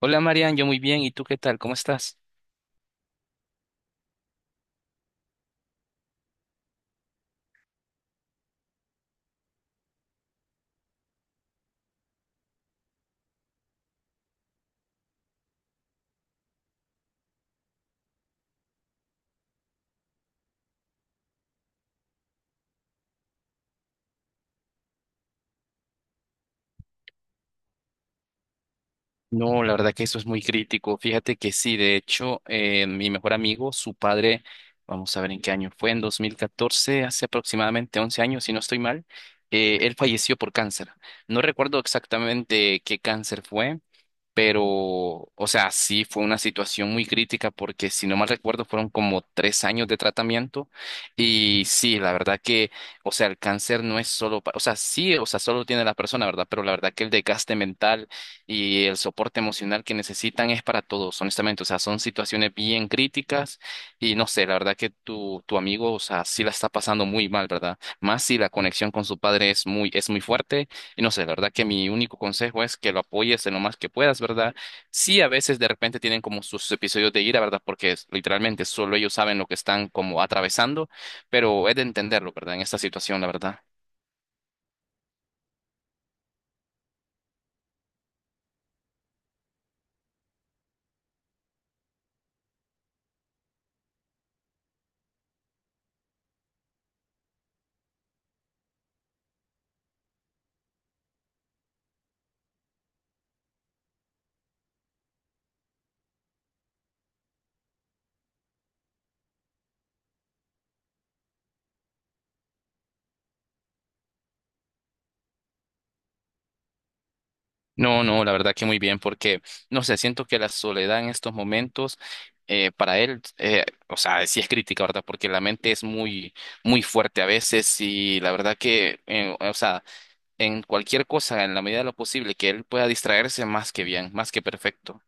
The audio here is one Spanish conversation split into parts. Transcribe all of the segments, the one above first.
Hola Marian, yo muy bien. ¿Y tú qué tal? ¿Cómo estás? No, la verdad que eso es muy crítico. Fíjate que sí, de hecho, mi mejor amigo, su padre, vamos a ver en qué año fue, en 2014, hace aproximadamente 11 años, si no estoy mal, él falleció por cáncer. No recuerdo exactamente qué cáncer fue, pero, o sea, sí fue una situación muy crítica porque, si no mal recuerdo, fueron como 3 años de tratamiento. Y sí, la verdad que, o sea, el cáncer no es solo, o sea, sí, o sea, solo tiene la persona, ¿verdad? Pero la verdad que el desgaste mental y el soporte emocional que necesitan es para todos, honestamente. O sea, son situaciones bien críticas y no sé, la verdad que tu amigo, o sea, sí la está pasando muy mal, ¿verdad? Más si la conexión con su padre es muy fuerte y no sé, la verdad que mi único consejo es que lo apoyes en lo más que puedas, ¿verdad? Sí, a veces de repente tienen como sus episodios de ira, ¿verdad? Porque literalmente solo ellos saben lo que están como atravesando, pero es de entenderlo, ¿verdad? En esta situación, la verdad. No, no, la verdad que muy bien, porque no sé, siento que la soledad en estos momentos, para él, o sea, sí es crítica, ¿verdad? Porque la mente es muy, muy fuerte a veces y la verdad que, o sea, en cualquier cosa, en la medida de lo posible, que él pueda distraerse más que bien, más que perfecto.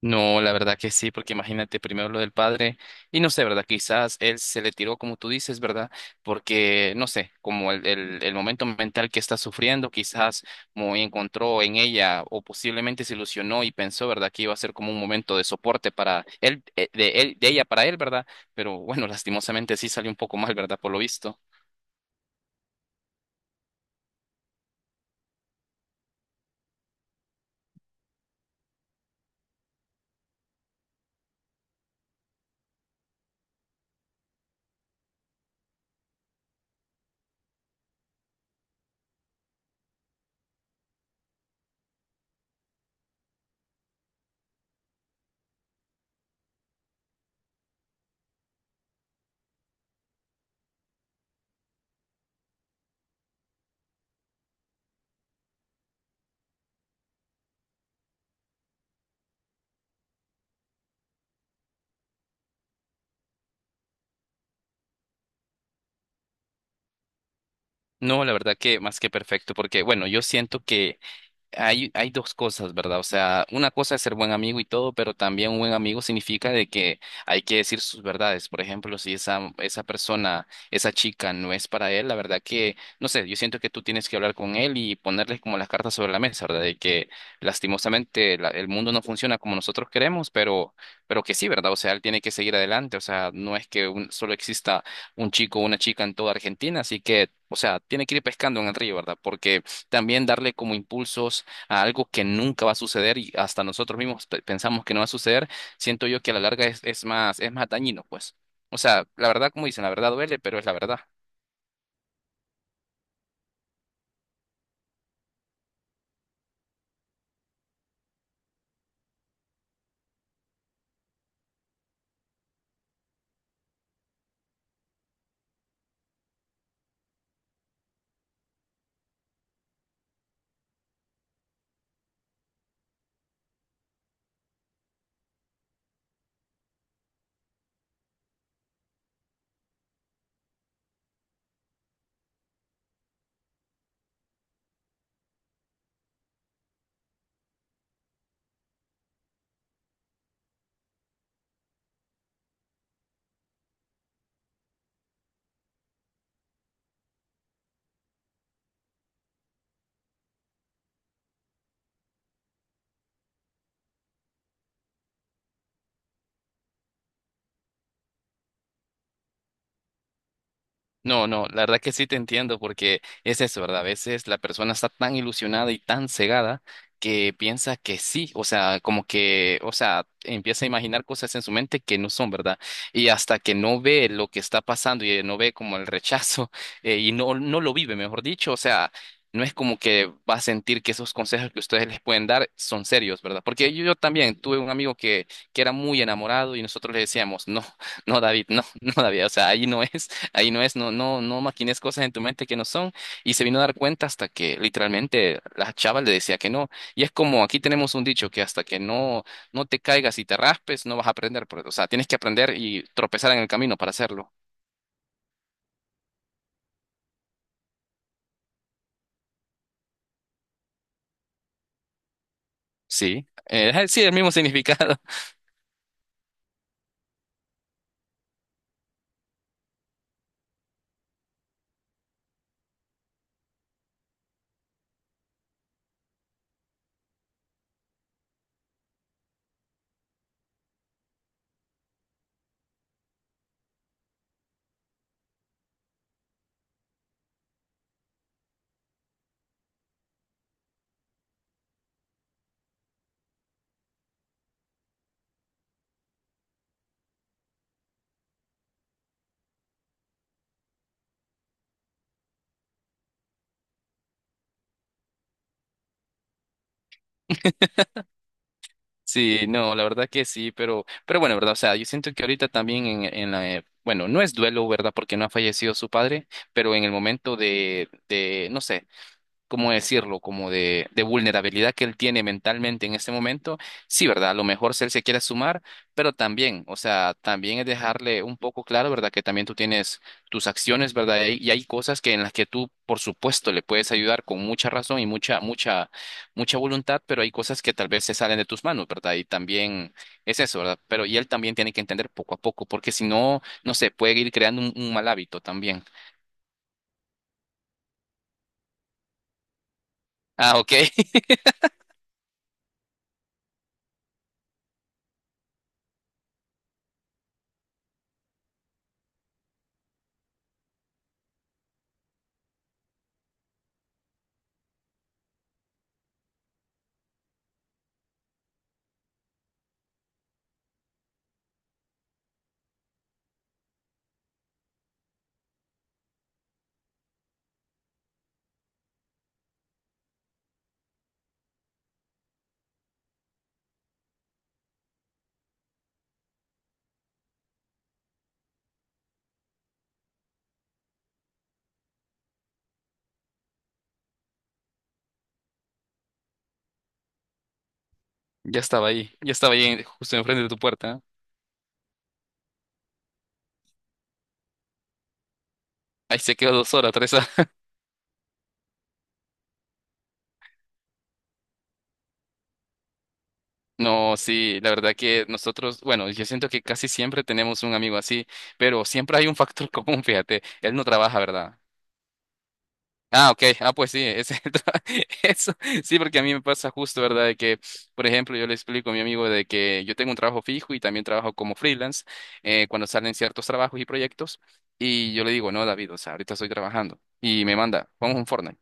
No, la verdad que sí, porque imagínate primero lo del padre y no sé, ¿verdad? Quizás él se le tiró como tú dices, ¿verdad? Porque, no sé, como el momento mental que está sufriendo, quizás como encontró en ella o posiblemente se ilusionó y pensó, ¿verdad? Que iba a ser como un momento de soporte para él, de él, de ella para él, ¿verdad? Pero bueno, lastimosamente sí salió un poco mal, ¿verdad? Por lo visto. No, la verdad que más que perfecto, porque bueno, yo siento que hay dos cosas, ¿verdad? O sea, una cosa es ser buen amigo y todo, pero también un buen amigo significa de que hay que decir sus verdades. Por ejemplo, si esa persona, esa chica no es para él, la verdad que, no sé, yo siento que tú tienes que hablar con él y ponerle como las cartas sobre la mesa, ¿verdad? De que lastimosamente el mundo no funciona como nosotros queremos, pero que sí, ¿verdad? O sea, él tiene que seguir adelante. O sea, no es que solo exista un chico o una chica en toda Argentina, así que, o sea, tiene que ir pescando en el río, ¿verdad? Porque también darle como impulsos a algo que nunca va a suceder y hasta nosotros mismos pensamos que no va a suceder, siento yo que a la larga es más dañino, pues. O sea, la verdad, como dicen, la verdad duele, pero es la verdad. No, no, la verdad que sí te entiendo porque es eso, ¿verdad? A veces la persona está tan ilusionada y tan cegada que piensa que sí, o sea, como que, o sea, empieza a imaginar cosas en su mente que no son, ¿verdad? Y hasta que no ve lo que está pasando y no ve como el rechazo y no lo vive, mejor dicho, o sea, no es como que va a sentir que esos consejos que ustedes les pueden dar son serios, ¿verdad? Porque yo también tuve un amigo que era muy enamorado y nosotros le decíamos, no, no, David, no, no, David, o sea, ahí no es. Ahí no es, no, no, no maquines cosas en tu mente que no son. Y se vino a dar cuenta hasta que literalmente la chava le decía que no. Y es como aquí tenemos un dicho que hasta que no, te caigas y te raspes, no vas a aprender. O sea, tienes que aprender y tropezar en el camino para hacerlo. Sí, sí, el mismo significado. Sí, no, la verdad que sí, pero bueno, ¿verdad? O sea, yo siento que ahorita también en la, bueno, no es duelo, ¿verdad? Porque no ha fallecido su padre, pero en el momento de, no sé. ¿Cómo decirlo? Como de vulnerabilidad que él tiene mentalmente en este momento, sí, ¿verdad? A lo mejor si él se quiere sumar, pero también, o sea, también es dejarle un poco claro, ¿verdad? Que también tú tienes tus acciones, ¿verdad? Y hay cosas que en las que tú, por supuesto, le puedes ayudar con mucha razón y mucha, mucha, mucha voluntad, pero hay cosas que tal vez se salen de tus manos, ¿verdad? Y también es eso, ¿verdad? Pero y él también tiene que entender poco a poco, porque si no, no sé, puede ir creando un mal hábito también. Ah, ok. Ya estaba ahí justo enfrente de tu puerta. Ahí se quedó 2 horas, 3 horas. No, sí, la verdad que nosotros, bueno, yo siento que casi siempre tenemos un amigo así, pero siempre hay un factor común, fíjate, él no trabaja, ¿verdad? Ah, ok, ah, pues sí, ese eso, sí, porque a mí me pasa justo, ¿verdad? De que, por ejemplo, yo le explico a mi amigo de que yo tengo un trabajo fijo y también trabajo como freelance cuando salen ciertos trabajos y proyectos, y yo le digo, no, David, o sea, ahorita estoy trabajando, y me manda, vamos a un Fortnite.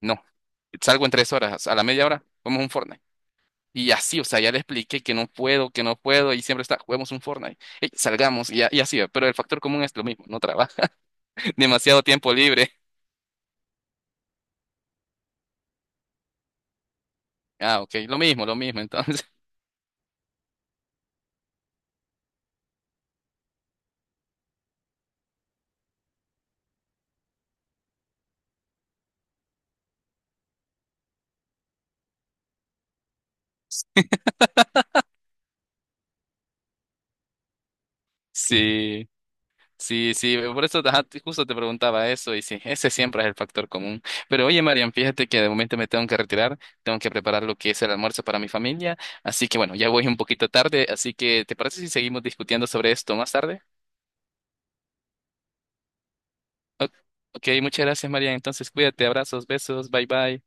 No, salgo en 3 horas, a la 1/2 hora, vamos a un Fortnite. Y así, o sea, ya le expliqué que no puedo, y siempre está, juguemos un Fortnite, ey, salgamos, y, y así, pero el factor común es lo mismo, no trabaja, demasiado tiempo libre. Ah, ok, lo mismo, entonces. Sí, sí, sí, por eso ajá, justo te preguntaba eso, y sí, ese siempre es el factor común. Pero oye, Marian, fíjate que de momento me tengo que retirar, tengo que preparar lo que es el almuerzo para mi familia, así que bueno, ya voy un poquito tarde, así que ¿te parece si seguimos discutiendo sobre esto más tarde? O- Ok, muchas gracias, María. Entonces, cuídate, abrazos, besos, bye bye.